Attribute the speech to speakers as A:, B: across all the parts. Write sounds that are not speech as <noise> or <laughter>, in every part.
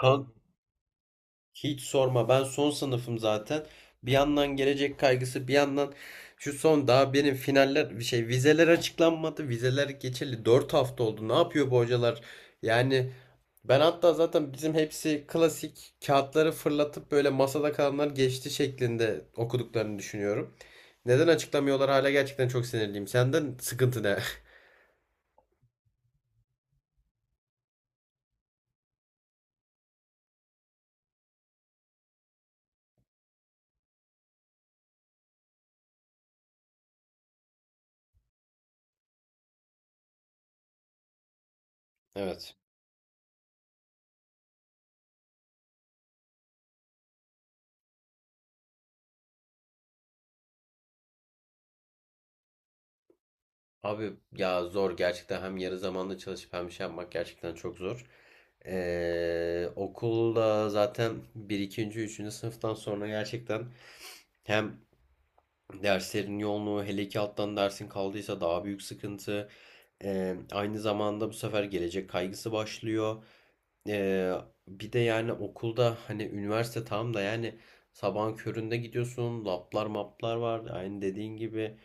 A: Kan hiç sorma, ben son sınıfım zaten. Bir yandan gelecek kaygısı, bir yandan şu son daha benim finaller bir şey, vizeler açıklanmadı. Vizeler geçeli 4 hafta oldu. Ne yapıyor bu hocalar? Yani ben hatta zaten bizim hepsi klasik kağıtları fırlatıp böyle masada kalanlar geçti şeklinde okuduklarını düşünüyorum. Neden açıklamıyorlar hala, gerçekten çok sinirliyim. Senden sıkıntı ne? <laughs> Evet. Abi ya zor gerçekten, hem yarı zamanlı çalışıp hem şey yapmak gerçekten çok zor. Okulda zaten bir 2. üçüncü sınıftan sonra gerçekten hem derslerin yoğunluğu, hele ki alttan dersin kaldıysa daha büyük sıkıntı. Aynı zamanda bu sefer gelecek kaygısı başlıyor. Ee, Bir de yani okulda hani üniversite tam da yani sabahın köründe gidiyorsun, lablar maplar var aynı dediğin gibi.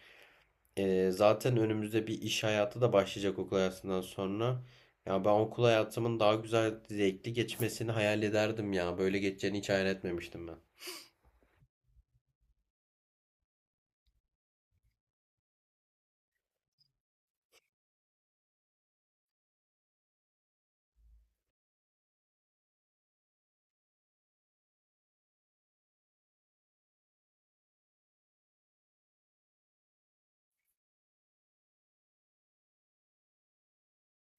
A: Zaten önümüzde bir iş hayatı da başlayacak okul hayatından sonra. Ya ben okul hayatımın daha güzel, zevkli geçmesini hayal ederdim ya. Böyle geçeceğini hiç hayal etmemiştim ben.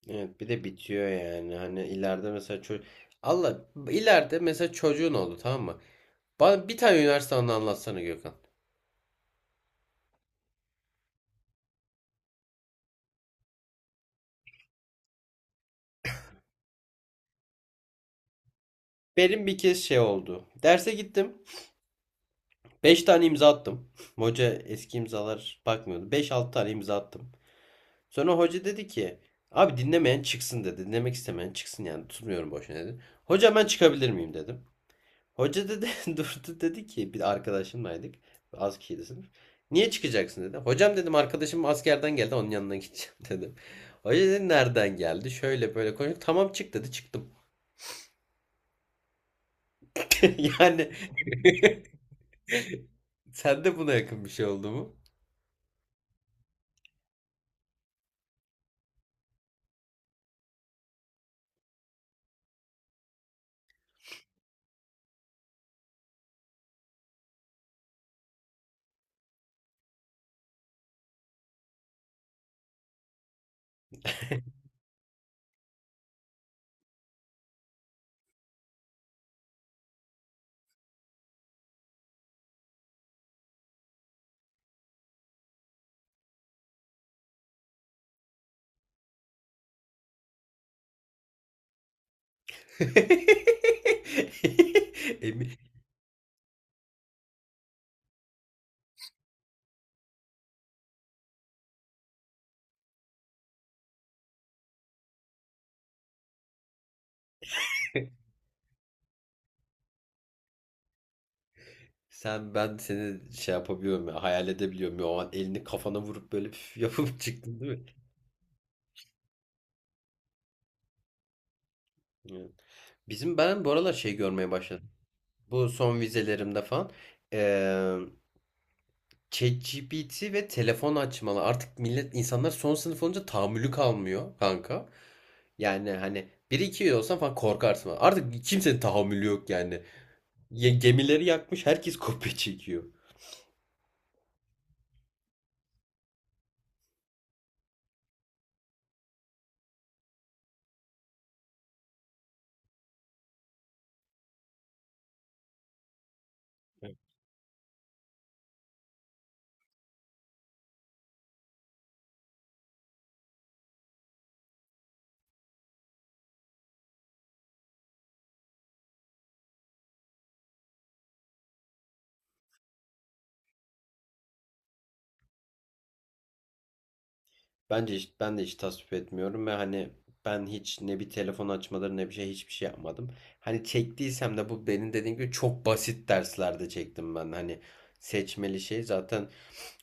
A: Evet, bir de bitiyor yani. Hani ileride mesela çocuk... Allah ileride mesela çocuğun oldu, tamam mı? Bana bir tane üniversite anı anlatsana Gökhan. Benim bir kez şey oldu. Derse gittim, 5 tane imza attım. <laughs> Hoca eski imzalar bakmıyordu. Beş altı tane imza attım. Sonra hoca dedi ki, abi dinlemeyen çıksın dedi. Dinlemek istemeyen çıksın, yani tutmuyorum boşuna dedi. Hocam ben çıkabilir miyim dedim. Hoca dedi <laughs> durdu, dedi ki, bir arkadaşımlaydık. Az kişiydi sınıf. Niye çıkacaksın dedi. Hocam dedim, arkadaşım askerden geldi, onun yanına gideceğim <laughs> dedim. Hoca dedi nereden geldi? Şöyle böyle konuştuk. Tamam çık dedi, çıktım. <laughs> Yani <laughs> sen de buna yakın bir şey oldu mu? <laughs> Emin. Sen, ben seni şey yapabiliyorum ya, hayal edebiliyorum ya, o an elini kafana vurup böyle püf yapıp <laughs> çıktın değil mi? Evet. Bizim ben bu aralar şey görmeye başladım. Bu son vizelerimde falan eee ChatGPT ve telefon açmalı. Artık millet, insanlar son sınıf olunca tahammülü kalmıyor kanka. Yani hani bir iki olsan falan korkarsın. Artık kimsenin tahammülü yok yani. Gemileri yakmış, herkes kopya çekiyor. Bence hiç, ben de hiç tasvip etmiyorum ve hani ben hiç ne bir telefon açmaları ne bir şey, hiçbir şey yapmadım. Hani çektiysem de bu benim dediğim gibi çok basit derslerde çektim ben. Hani seçmeli şey zaten,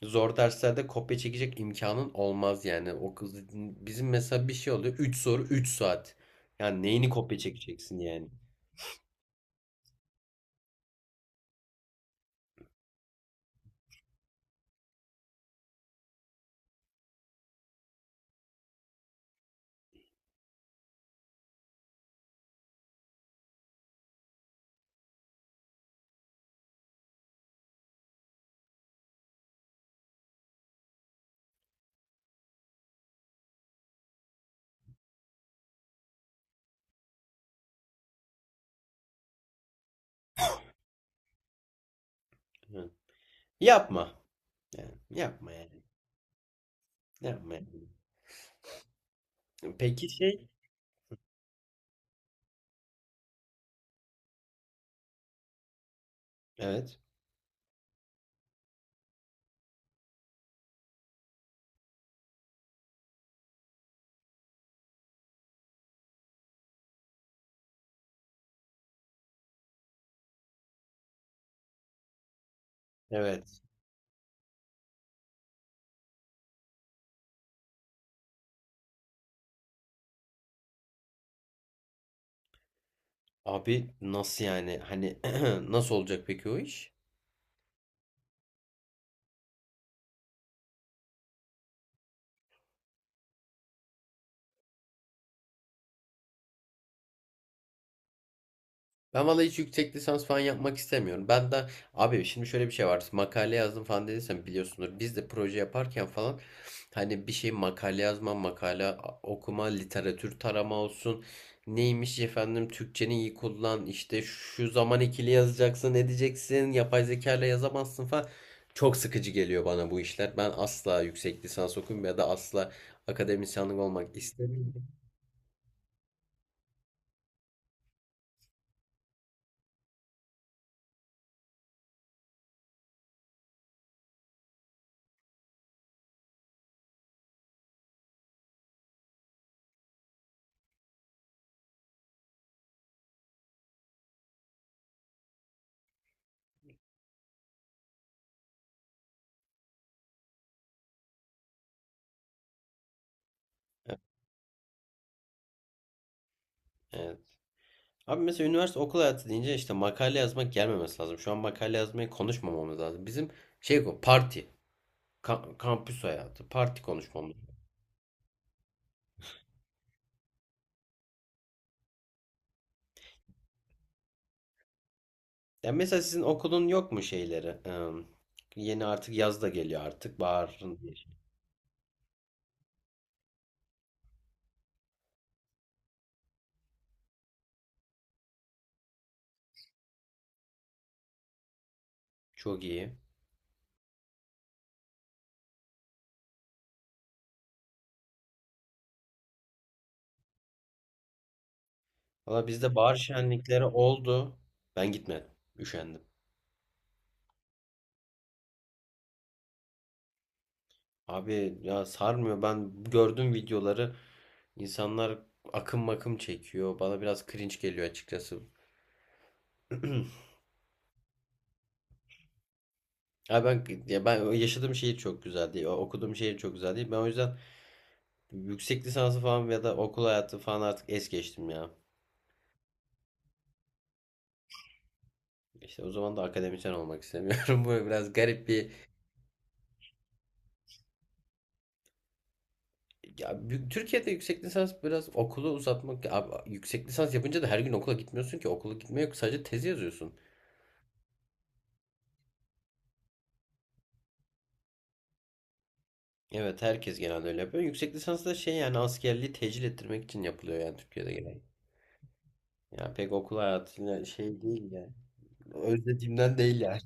A: zor derslerde kopya çekecek imkanın olmaz yani. O kız, bizim mesela bir şey oluyor, 3 soru 3 saat. Yani neyini kopya çekeceksin yani? Hı. Yapma. Yani yapma yani. Yapma yani. Peki şey, evet. Evet. Abi nasıl yani? Hani <clears throat> nasıl olacak peki o iş? Ben vallahi hiç yüksek lisans falan yapmak istemiyorum. Ben de, abi şimdi şöyle bir şey var. Makale yazdım falan dediysen biliyorsunuz. Biz de proje yaparken falan hani bir şey, makale yazma, makale okuma, literatür tarama olsun. Neymiş efendim Türkçeni iyi kullan işte, şu zaman ikili yazacaksın edeceksin, yapay zeka ile yazamazsın falan. Çok sıkıcı geliyor bana bu işler. Ben asla yüksek lisans okuyayım ya da asla akademisyenlik olmak istemiyorum. Evet. Abi mesela üniversite okul hayatı deyince işte makale yazmak gelmemesi lazım. Şu an makale yazmayı konuşmamamız lazım. Bizim şey, bu parti, kampüs hayatı, parti konuşmamız. Yani mesela sizin okulun yok mu şeyleri? Yeni artık yaz da geliyor artık. Baharın çok iyi. Valla bizde bahar şenlikleri oldu. Ben gitmedim. Üşendim. Abi ya sarmıyor. Ben gördüm videoları. İnsanlar akım makım çekiyor. Bana biraz cringe geliyor açıkçası. <clears throat> Ya ben yaşadığım şehir çok güzel değil. Okuduğum şehir çok güzel değil. Ben o yüzden yüksek lisansı falan ya da okul hayatı falan artık es geçtim ya. İşte o zaman da akademisyen olmak istemiyorum. <laughs> Bu biraz garip bir, ya Türkiye'de yüksek lisans biraz okulu uzatmak. Abi yüksek lisans yapınca da her gün okula gitmiyorsun ki. Okula gitme yok. Sadece tezi yazıyorsun. Evet, herkes genelde öyle yapıyor. Yüksek lisans da şey yani askerliği tecil ettirmek için yapılıyor yani Türkiye'de genelde. Yani pek okul hayatıyla şey değil yani. Özlediğimden değil yani.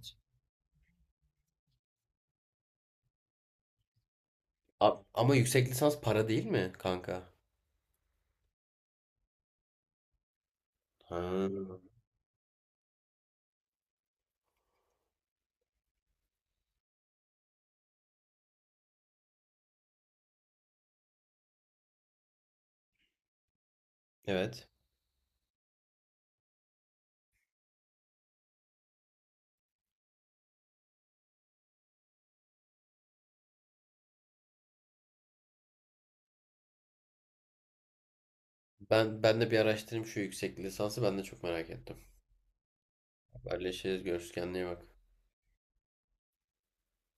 A: Ama yüksek lisans para değil mi kanka? Ha. Evet. Ben de bir araştırayım şu yüksek lisansı, ben de çok merak ettim. Haberleşiriz, görüşürüz, kendine iyi bak.